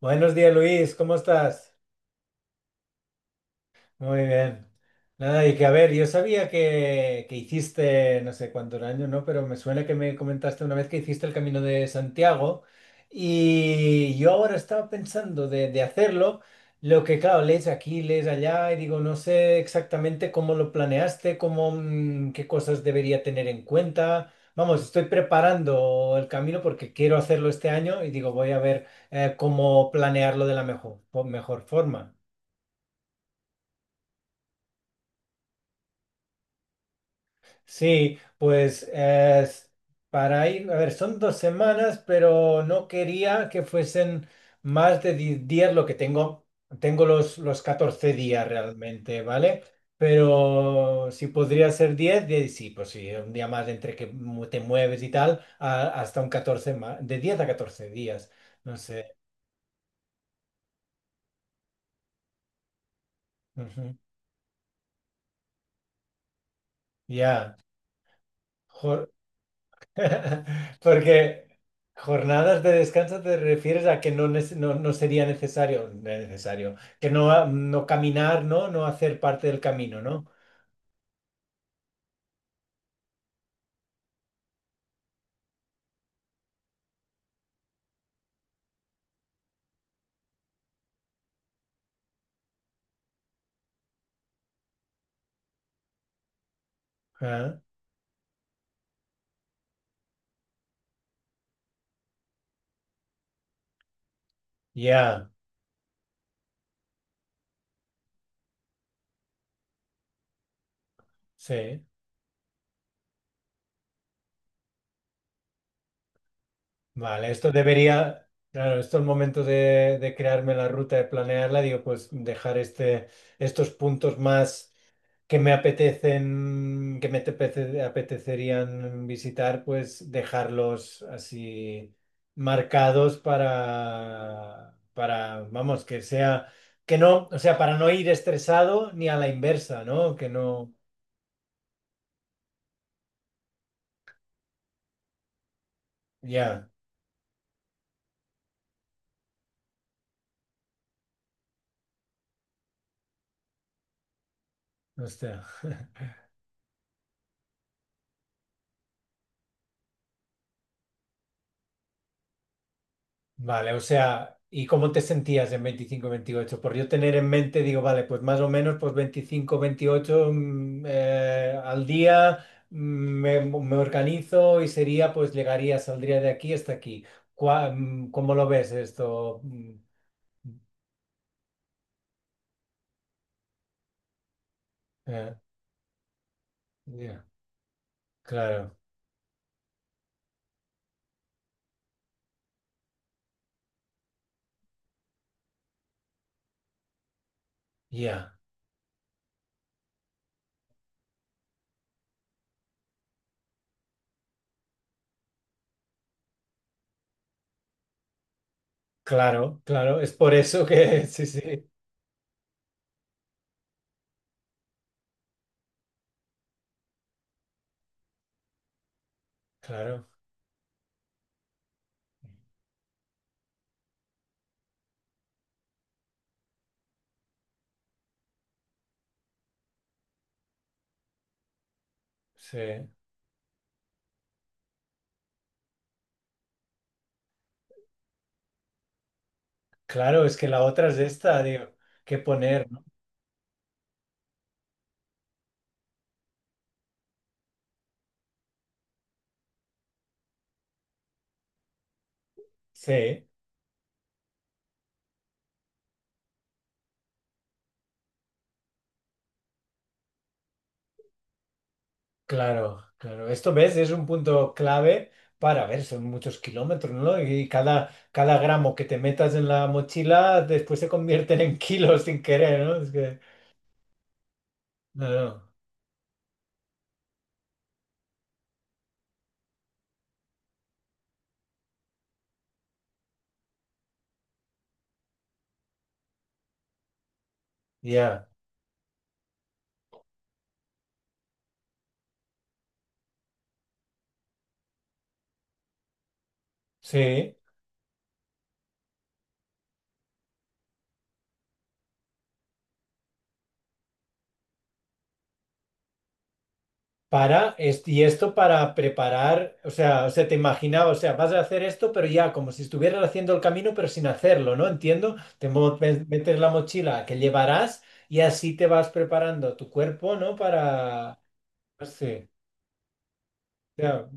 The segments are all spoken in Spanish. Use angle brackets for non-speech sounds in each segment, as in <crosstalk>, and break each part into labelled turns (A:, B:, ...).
A: Buenos días, Luis, ¿cómo estás? Muy bien. Nada, y que a ver, yo sabía que hiciste, no sé cuántos años, ¿no? Pero me suena que me comentaste una vez que hiciste el Camino de Santiago y yo ahora estaba pensando de hacerlo, lo que claro, lees aquí, lees allá y digo, no sé exactamente cómo lo planeaste, cómo, qué cosas debería tener en cuenta. Vamos, estoy preparando el camino porque quiero hacerlo este año y digo, voy a ver cómo planearlo de la mejor forma. Sí, pues es para ir, a ver, son 2 semanas, pero no quería que fuesen más de 10 días lo que tengo. Tengo los 14 días realmente, ¿vale? Pero si podría ser 10 sí, pues sí, un día más entre que te mueves y tal, hasta un 14 más, de 10 a 14 días, no sé. Ujú. Ya. Jo- <laughs> Porque jornadas de descanso te refieres a que no, no, no sería necesario, necesario, que no, no caminar, ¿no? No hacer parte del camino, ¿no? Ah. Ya, sí. Vale, esto debería, claro, esto es el momento de crearme la ruta, de planearla, digo, pues dejar este, estos puntos más. Que me apetecen, que apetecerían visitar, pues dejarlos así marcados para, vamos, que sea, que no, o sea, para no ir estresado ni a la inversa, ¿no? Que no, ya, o sea. <laughs> Vale, o sea, ¿y cómo te sentías en 25 28? Por yo tener en mente, digo, vale, pues más o menos, pues 25 28, al día, me organizo y sería, pues llegaría, saldría de aquí hasta aquí. ¿Cómo lo ves esto? Eh, ya. Claro, ya. Claro, claro, es por eso que, <laughs> sí, sí, claro, sí, claro, es que la otra es esta, digo, que poner, ¿no? Sí. Claro, claro. Esto ves, es un punto clave para, a ver, son muchos kilómetros, ¿no? Y cada gramo que te metas en la mochila después se convierten en kilos sin querer, ¿no? Es que no, no. Ya. Sí. Para, y esto para preparar, o sea, te imaginaba, o sea, vas a hacer esto, pero ya como si estuvieras haciendo el camino, pero sin hacerlo, ¿no? Entiendo, te metes la mochila que llevarás y así te vas preparando tu cuerpo, ¿no? Para, sí, ya,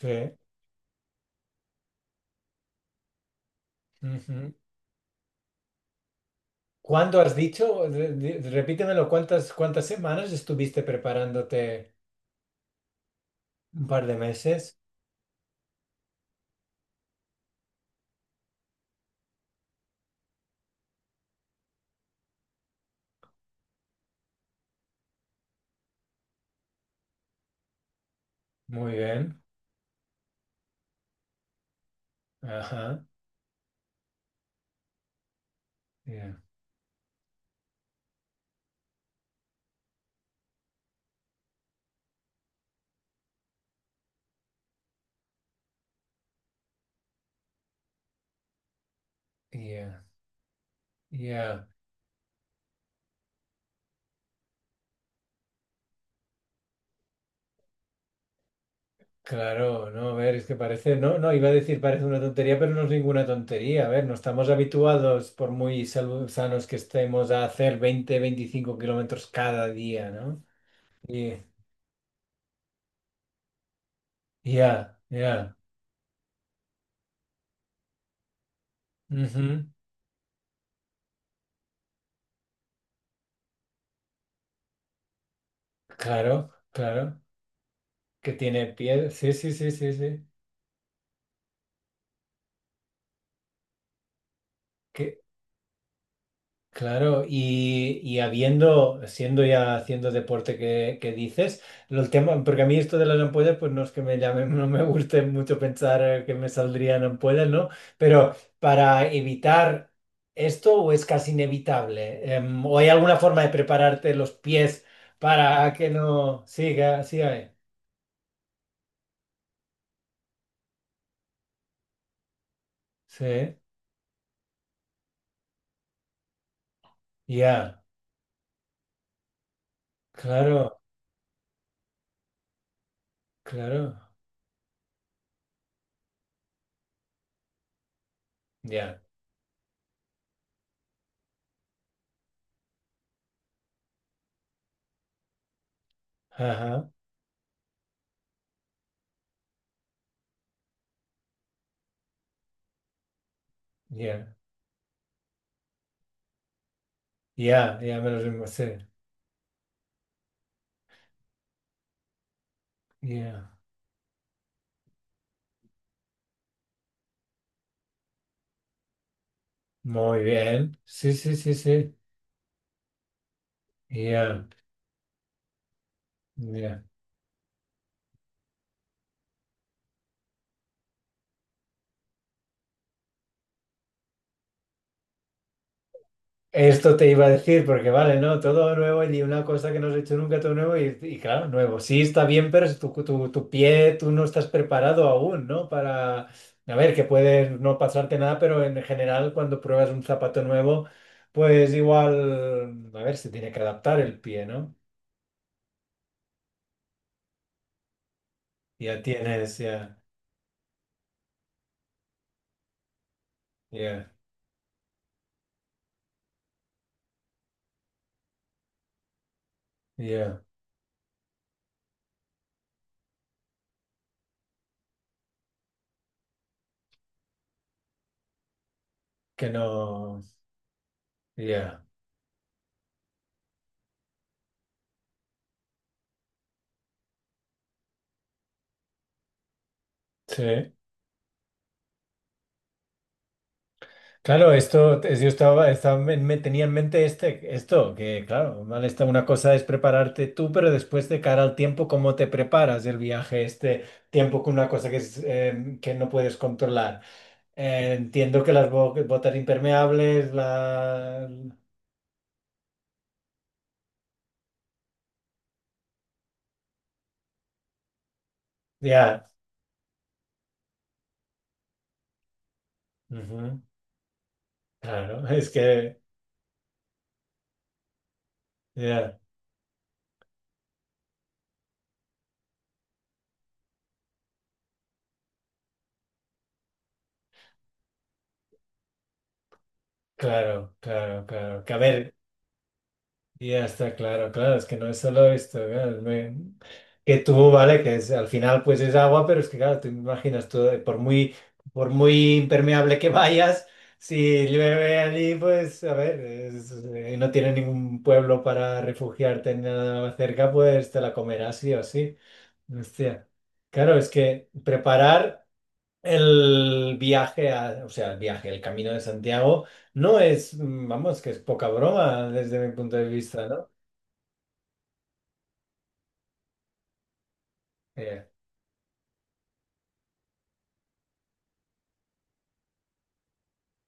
A: sí. Ujú. ¿Cuándo has dicho? Repítemelo, ¿cuántas semanas estuviste preparándote? ¿Un par de meses? Muy bien. Ajá. Ya, ya, ya. Claro, no, a ver, es que parece, no, no, iba a decir parece una tontería, pero no es ninguna tontería. A ver, no estamos habituados, por muy sanos que estemos, a hacer 20 25 kilómetros cada día, ¿no? Y- Ya, ya. Ujú. Claro, claro. Que tiene piel. Sí, sí, sí, sí, sí. Claro, y habiendo, siendo ya haciendo deporte que dices, el tema, porque a mí esto de las ampollas, pues no es que me llamen, <laughs> no me guste mucho pensar que me saldrían ampollas, ¿no? Pero para evitar esto, ¿o es casi inevitable? ¿O hay alguna forma de prepararte los pies para que no siga, siga hay? Sí, ya. Claro, claro, ya. Ajá, ya, ya, ya me los imagino, sí, ya. Muy bien. Sí, sí, sí, sí. Ya, ya. Esto te iba a decir, porque vale, ¿no? Todo nuevo y una cosa que no has hecho nunca, todo nuevo y, claro, nuevo. Sí, está bien, pero es tu pie, tú no estás preparado aún, ¿no? Para, a ver, que puede no pasarte nada, pero en general cuando pruebas un zapato nuevo, pues igual, a ver, se tiene que adaptar el pie, ¿no? Ya tienes, ya, ya, ya, que no, ya, sí. Claro, esto yo estaba, me tenía en mente este, esto, que claro, mal está, una cosa es prepararte tú, pero después de cara al tiempo, ¿cómo te preparas el viaje, este tiempo con una cosa que, que no puedes controlar? Entiendo que las botas impermeables, la... Ya, ujú. Claro, <laughs> es que, ya. Claro, claro, claro. Que a ver, ya está claro, claro, es que no es solo esto, claro, que tú, vale, que es, al final pues es agua, pero es que claro, tú imaginas todo, por muy, impermeable que vayas, si llueve allí, pues a ver, no tiene ningún pueblo para refugiarte ni nada cerca, pues te la comerás sí o sí. Hostia. Claro, es que preparar el viaje, o sea, el viaje, el Camino de Santiago, no es, vamos, que es poca broma desde mi punto de vista, ¿no? Ya,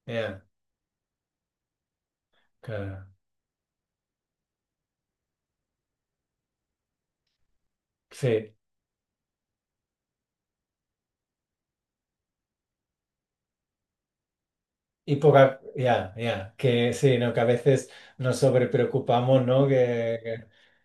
A: yeah, claro. Sí. Y poca, ya, ya, que sí, ¿no? Que a veces nos sobrepreocupamos, ¿no? Que,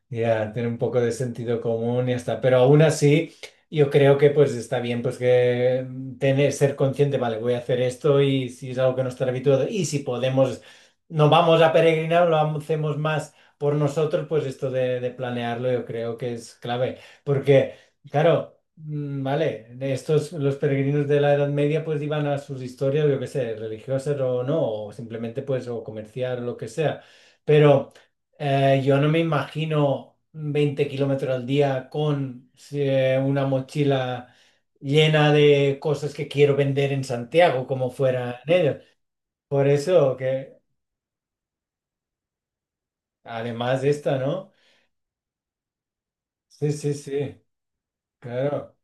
A: que, Ya, tener un poco de sentido común y ya está. Pero aún así, yo creo que pues está bien, pues que, tener, ser consciente, vale, voy a hacer esto y si es algo que no está habituado y si podemos, no vamos a peregrinar, lo hacemos más por nosotros, pues esto de planearlo yo creo que es clave. Porque, claro. Vale, estos los peregrinos de la Edad Media pues iban a sus historias, yo que sé, religiosas o no, o simplemente pues o comerciar o lo que sea. Pero yo no me imagino 20 kilómetros al día con, sí, una mochila llena de cosas que quiero vender en Santiago como fuera en ellos. Por eso que además de esta, ¿no? Sí, sí, sí, claro.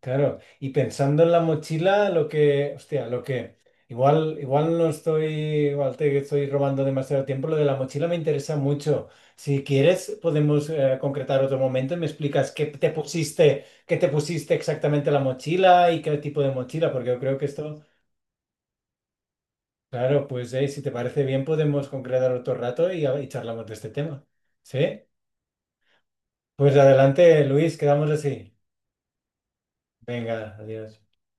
A: Claro, y pensando en la mochila, lo que, hostia, lo que, igual, igual no estoy, igual te estoy robando demasiado tiempo, lo de la mochila me interesa mucho. Si quieres, podemos, concretar otro momento y me explicas qué te pusiste exactamente la mochila y qué tipo de mochila, porque yo creo que esto, claro, pues si te parece bien, podemos concretar otro rato y, y charlamos de este tema. ¿Sí? Pues adelante, Luis, quedamos así. Venga, adiós.